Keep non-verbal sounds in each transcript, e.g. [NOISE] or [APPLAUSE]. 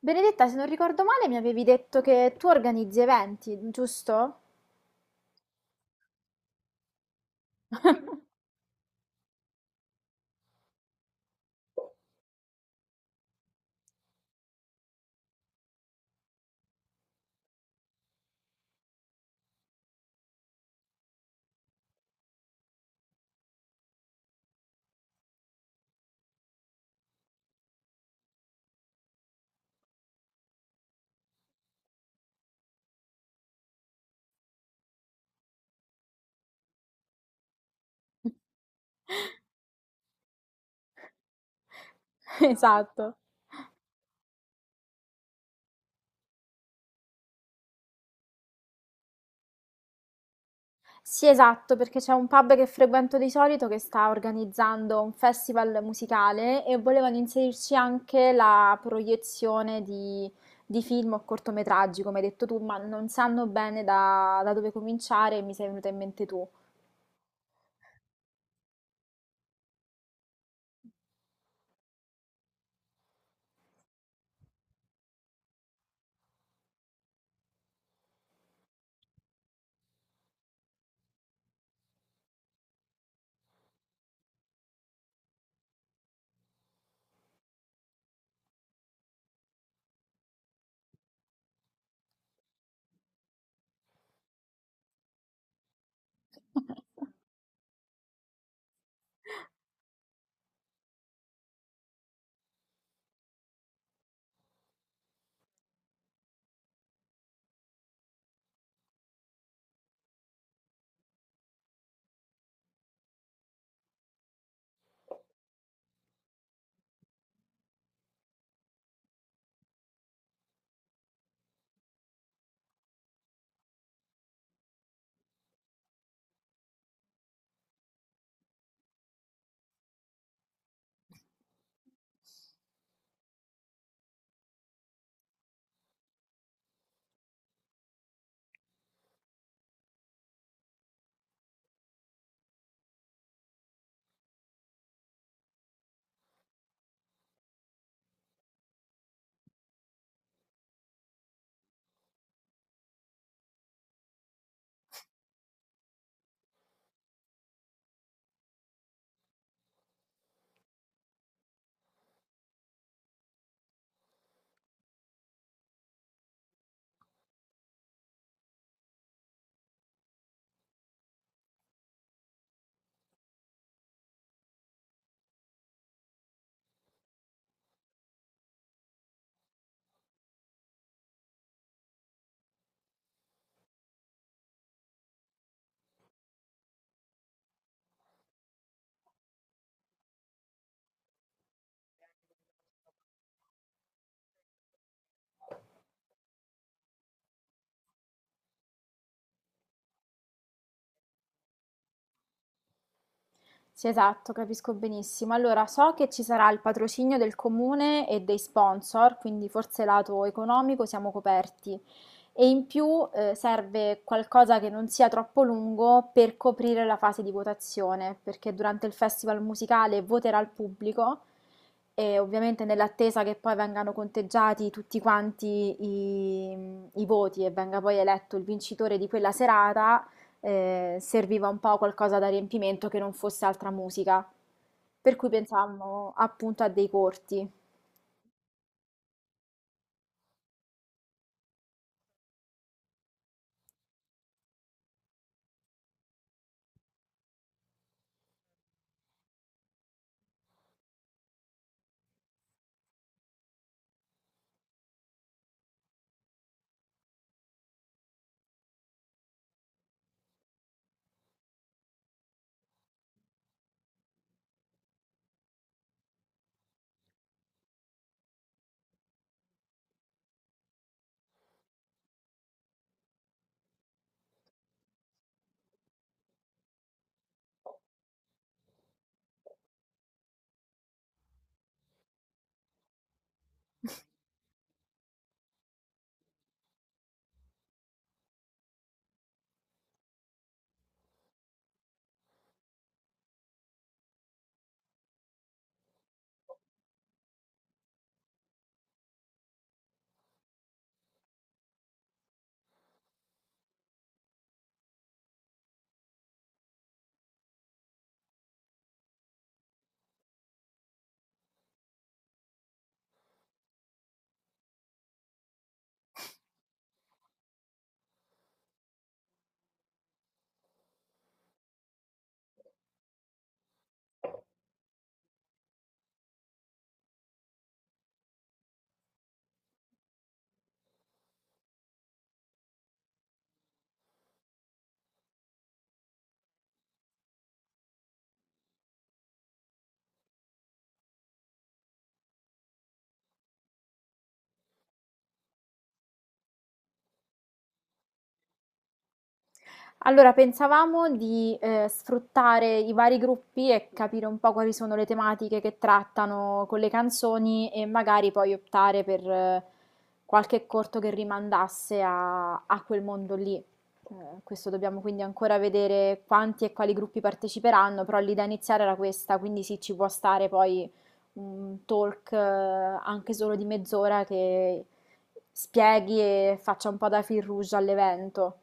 Benedetta, se non ricordo male, mi avevi detto che tu organizzi eventi, giusto? [LAUGHS] Esatto. Sì, esatto, perché c'è un pub che frequento di solito che sta organizzando un festival musicale e volevano inserirci anche la proiezione di, film o cortometraggi, come hai detto tu, ma non sanno bene da dove cominciare e mi sei venuta in mente tu. [LAUGHS] Sì, esatto, capisco benissimo. Allora, so che ci sarà il patrocinio del comune e dei sponsor, quindi forse lato economico siamo coperti e in più serve qualcosa che non sia troppo lungo per coprire la fase di votazione, perché durante il festival musicale voterà il pubblico e ovviamente nell'attesa che poi vengano conteggiati tutti quanti i, voti e venga poi eletto il vincitore di quella serata, serviva un po' qualcosa da riempimento che non fosse altra musica. Per cui pensavamo appunto a dei corti. Allora, pensavamo di sfruttare i vari gruppi e capire un po' quali sono le tematiche che trattano con le canzoni e magari poi optare per qualche corto che rimandasse a quel mondo lì. Questo dobbiamo quindi ancora vedere quanti e quali gruppi parteciperanno, però l'idea iniziale era questa, quindi sì, ci può stare poi un talk anche solo di mezz'ora che spieghi e faccia un po' da fil rouge all'evento.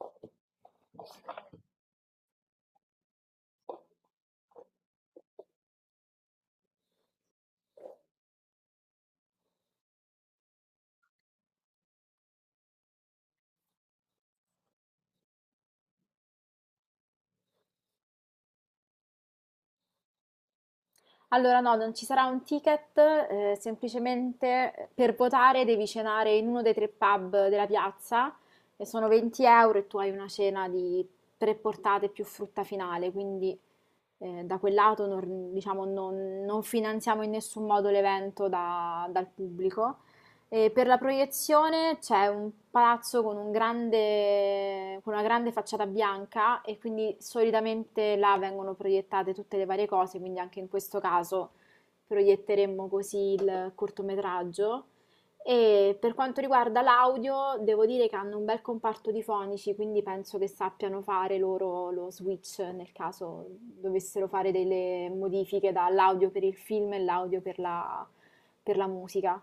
[LAUGHS] Allora no, non ci sarà un ticket, semplicemente per votare devi cenare in uno dei tre pub della piazza e sono 20 euro e tu hai una cena di tre portate più frutta finale, quindi da quel lato non, diciamo, non finanziamo in nessun modo l'evento dal pubblico. E per la proiezione c'è un palazzo con un grande, con una grande facciata bianca e quindi solitamente là vengono proiettate tutte le varie cose, quindi anche in questo caso proietteremmo così il cortometraggio. E per quanto riguarda l'audio, devo dire che hanno un bel comparto di fonici, quindi penso che sappiano fare loro lo switch nel caso dovessero fare delle modifiche dall'audio per il film e l'audio per la, musica.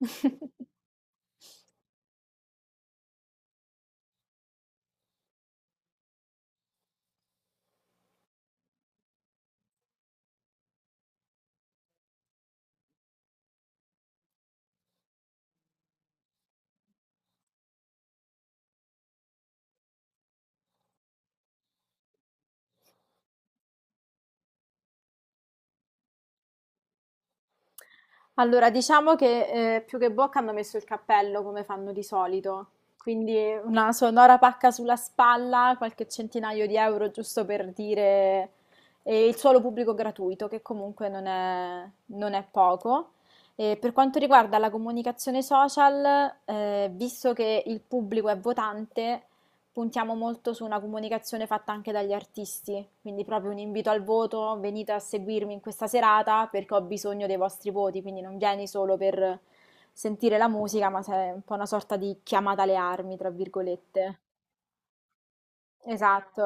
[LAUGHS] Allora, diciamo che, più che bocca hanno messo il cappello come fanno di solito, quindi una sonora pacca sulla spalla, qualche centinaio di euro giusto per dire e il suolo pubblico gratuito, che comunque non è poco. E per quanto riguarda la comunicazione social, visto che il pubblico è votante, puntiamo molto su una comunicazione fatta anche dagli artisti, quindi proprio un invito al voto, venite a seguirmi in questa serata perché ho bisogno dei vostri voti, quindi non vieni solo per sentire la musica, ma sei un po' una sorta di chiamata alle armi, tra virgolette. Esatto.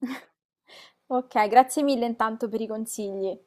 [LAUGHS] Ok, grazie mille intanto per i consigli.